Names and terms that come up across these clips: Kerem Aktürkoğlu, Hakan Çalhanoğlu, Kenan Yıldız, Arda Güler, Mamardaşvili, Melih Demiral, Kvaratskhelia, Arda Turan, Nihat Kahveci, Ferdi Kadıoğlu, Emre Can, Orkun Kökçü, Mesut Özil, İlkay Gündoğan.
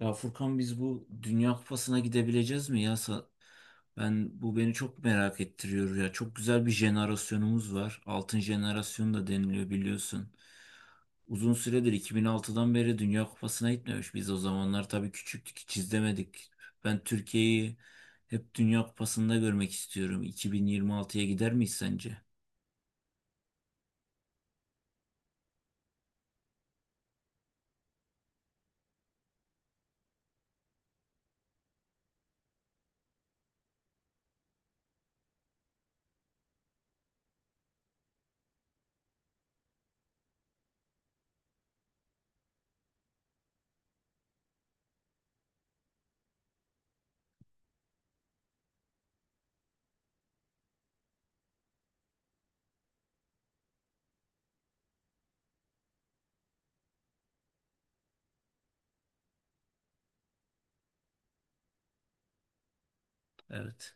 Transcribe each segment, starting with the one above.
Ya Furkan biz bu Dünya Kupası'na gidebileceğiz mi ya? Ben bu beni çok merak ettiriyor ya. Çok güzel bir jenerasyonumuz var. Altın jenerasyon da deniliyor biliyorsun. Uzun süredir 2006'dan beri Dünya Kupası'na gitmemiş. Biz o zamanlar tabii küçüktük, hiç izlemedik. Ben Türkiye'yi hep Dünya Kupası'nda görmek istiyorum. 2026'ya gider miyiz sence? Evet.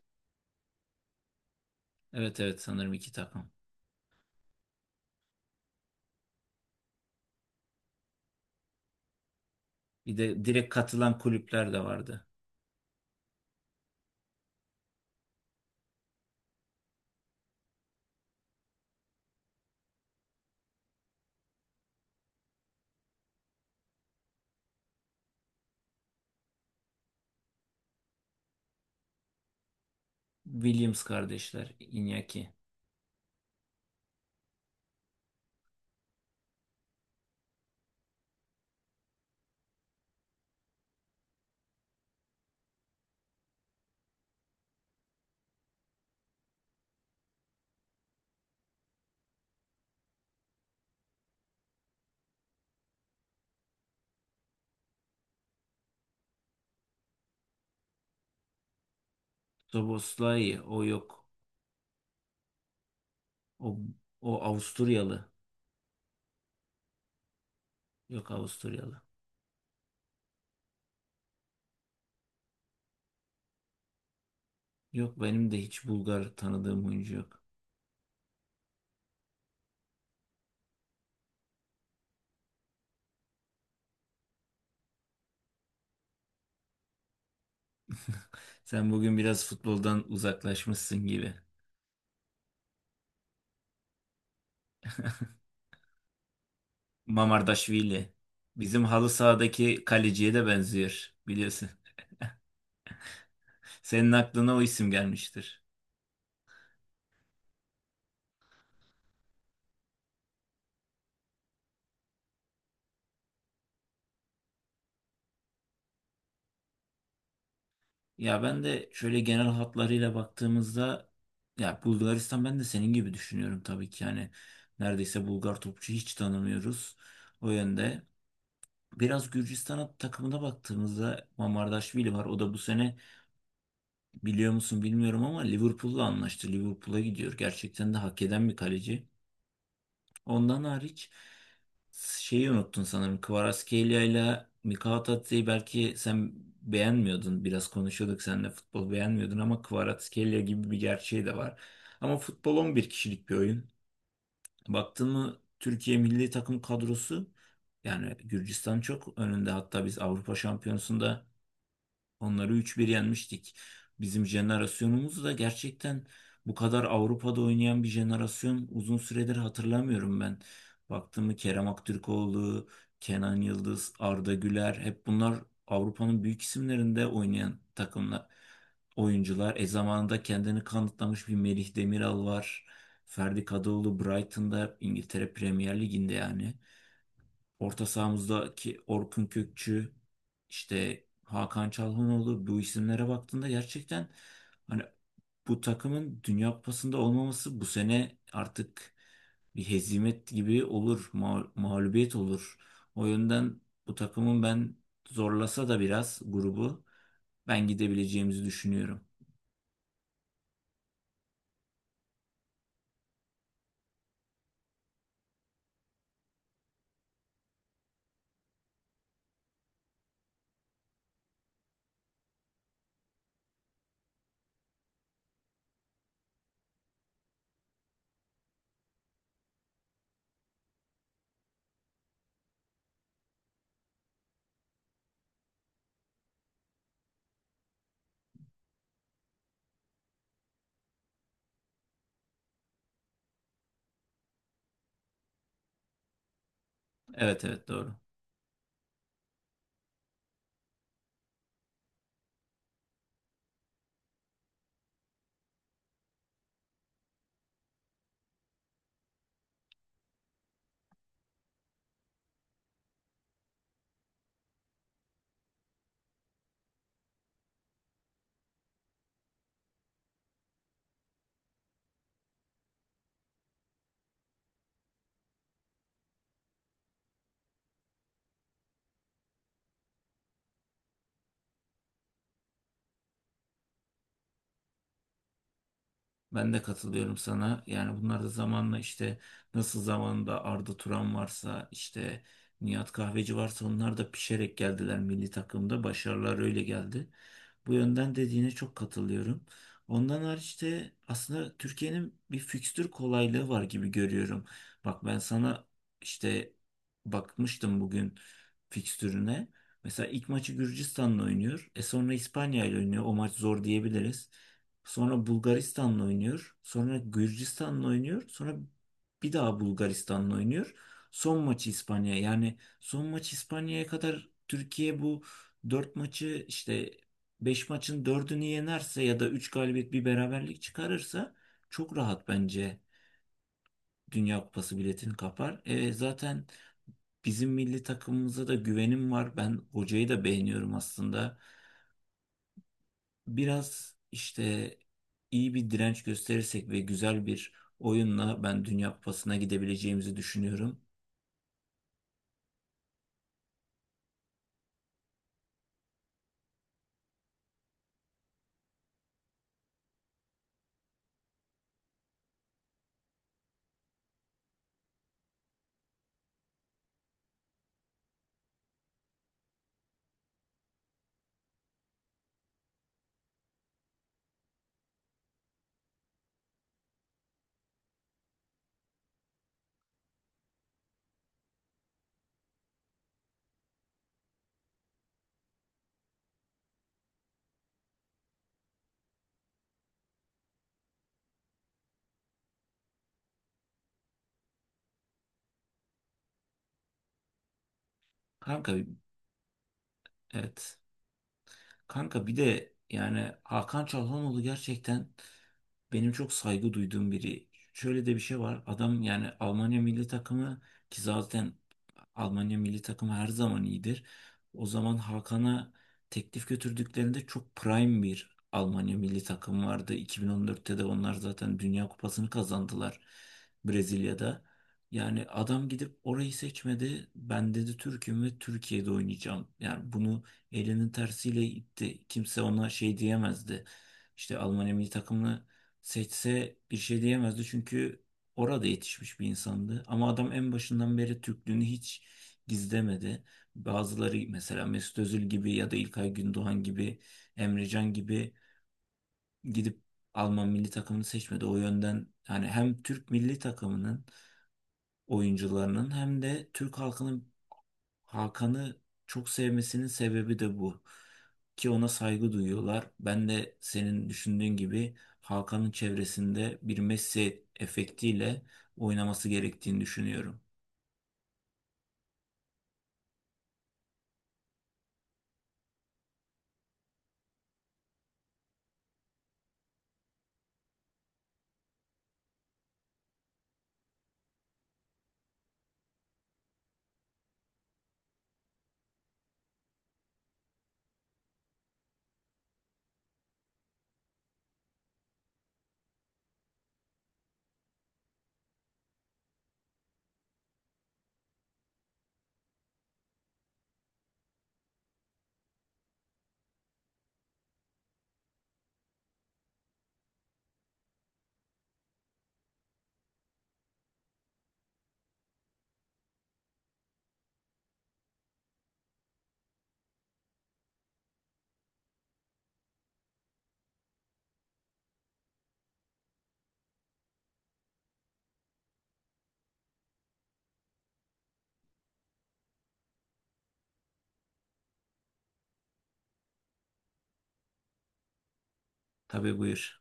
Evet, evet, sanırım iki takım. Bir de direkt katılan kulüpler de vardı. Williams kardeşler, Iñaki. Szoboszlai o yok. O, o Avusturyalı. Yok, Avusturyalı. Yok, benim de hiç Bulgar tanıdığım oyuncu yok. Sen bugün biraz futboldan uzaklaşmışsın gibi. Mamardaşvili. Bizim halı sahadaki kaleciye de benziyor biliyorsun. Senin aklına o isim gelmiştir. Ya ben de şöyle genel hatlarıyla baktığımızda ya Bulgaristan ben de senin gibi düşünüyorum tabii ki. Yani neredeyse Bulgar topçu hiç tanımıyoruz. O yönde. Biraz Gürcistan takımına baktığımızda Mamardaşvili var. O da bu sene biliyor musun bilmiyorum ama Liverpool'la anlaştı. Liverpool'a gidiyor. Gerçekten de hak eden bir kaleci. Ondan hariç şeyi unuttun sanırım. Kvaratskhelia ile Mikha Tatsi'yi belki sen beğenmiyordun. Biraz konuşuyorduk seninle, futbol beğenmiyordun ama Kvaratskhelia gibi bir gerçeği de var. Ama futbol 11 kişilik bir oyun. Baktın mı Türkiye milli takım kadrosu, yani Gürcistan çok önünde. Hatta biz Avrupa Şampiyonası'nda onları üç bir yenmiştik. Bizim jenerasyonumuz da gerçekten bu kadar Avrupa'da oynayan bir jenerasyon uzun süredir hatırlamıyorum ben. Baktığımı Kerem Aktürkoğlu, Kenan Yıldız, Arda Güler hep bunlar Avrupa'nın büyük isimlerinde oynayan takımlar, oyuncular. E zamanında kendini kanıtlamış bir Melih Demiral var. Ferdi Kadıoğlu Brighton'da, İngiltere Premier Ligi'nde yani. Orta sahamızdaki Orkun Kökçü, işte Hakan Çalhanoğlu, bu isimlere baktığında gerçekten hani bu takımın Dünya Kupası'nda olmaması bu sene artık bir hezimet gibi olur, mağlubiyet olur. O yönden bu takımın ben, zorlasa da biraz grubu, ben gidebileceğimizi düşünüyorum. Evet, evet, doğru. Ben de katılıyorum sana. Yani bunlar da zamanla işte, nasıl zamanında Arda Turan varsa, işte Nihat Kahveci varsa, onlar da pişerek geldiler milli takımda. Başarılar öyle geldi. Bu yönden dediğine çok katılıyorum. Ondan hariç de aslında Türkiye'nin bir fikstür kolaylığı var gibi görüyorum. Bak ben sana işte bakmıştım bugün fikstürüne. Mesela ilk maçı Gürcistan'la oynuyor. E sonra İspanya ile oynuyor. O maç zor diyebiliriz. Sonra Bulgaristan'la oynuyor. Sonra Gürcistan'la oynuyor. Sonra bir daha Bulgaristan'la oynuyor. Son maçı İspanya. Yani son maç İspanya'ya kadar Türkiye bu 4 maçı, işte 5 maçın dördünü yenerse ya da 3 galibiyet bir beraberlik çıkarırsa çok rahat bence Dünya Kupası biletini kapar. E, zaten bizim milli takımımıza da güvenim var. Ben hocayı da beğeniyorum aslında. Biraz işte iyi bir direnç gösterirsek ve güzel bir oyunla ben Dünya Kupası'na gidebileceğimizi düşünüyorum. Kanka, evet. Kanka bir de yani Hakan Çalhanoğlu gerçekten benim çok saygı duyduğum biri. Şöyle de bir şey var. Adam yani Almanya milli takımı, ki zaten Almanya milli takımı her zaman iyidir. O zaman Hakan'a teklif götürdüklerinde çok prime bir Almanya milli takım vardı. 2014'te de onlar zaten Dünya Kupası'nı kazandılar Brezilya'da. Yani adam gidip orayı seçmedi. Ben dedi Türk'üm ve Türkiye'de oynayacağım. Yani bunu elinin tersiyle itti. Kimse ona şey diyemezdi. İşte Almanya milli takımını seçse bir şey diyemezdi, çünkü orada yetişmiş bir insandı. Ama adam en başından beri Türklüğünü hiç gizlemedi. Bazıları mesela Mesut Özil gibi ya da İlkay Gündoğan gibi, Emre Can gibi gidip Alman milli takımını seçmedi. O yönden hani hem Türk milli takımının oyuncularının hem de Türk halkının Hakan'ı çok sevmesinin sebebi de bu. Ki ona saygı duyuyorlar. Ben de senin düşündüğün gibi Hakan'ın çevresinde bir Messi efektiyle oynaması gerektiğini düşünüyorum. Tabii, buyur.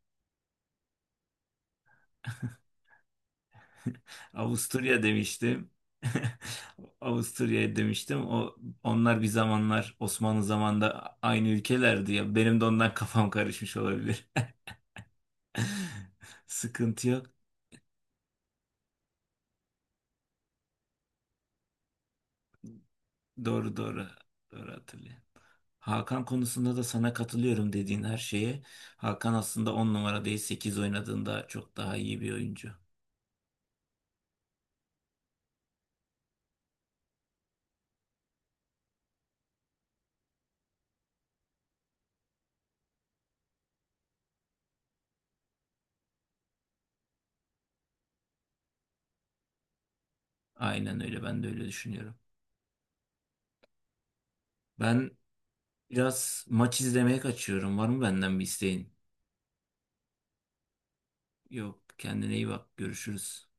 Avusturya demiştim. Avusturya demiştim. O, onlar bir zamanlar Osmanlı zamanında aynı ülkelerdi ya. Benim de ondan kafam karışmış olabilir. Sıkıntı yok. Doğru, doğru. Doğru hatırlıyorum. Hakan konusunda da sana katılıyorum dediğin her şeye. Hakan aslında 10 numara değil 8 oynadığında çok daha iyi bir oyuncu. Aynen öyle, ben de öyle düşünüyorum. Ben biraz maç izlemeye kaçıyorum. Var mı benden bir isteğin? Yok, kendine iyi bak, görüşürüz.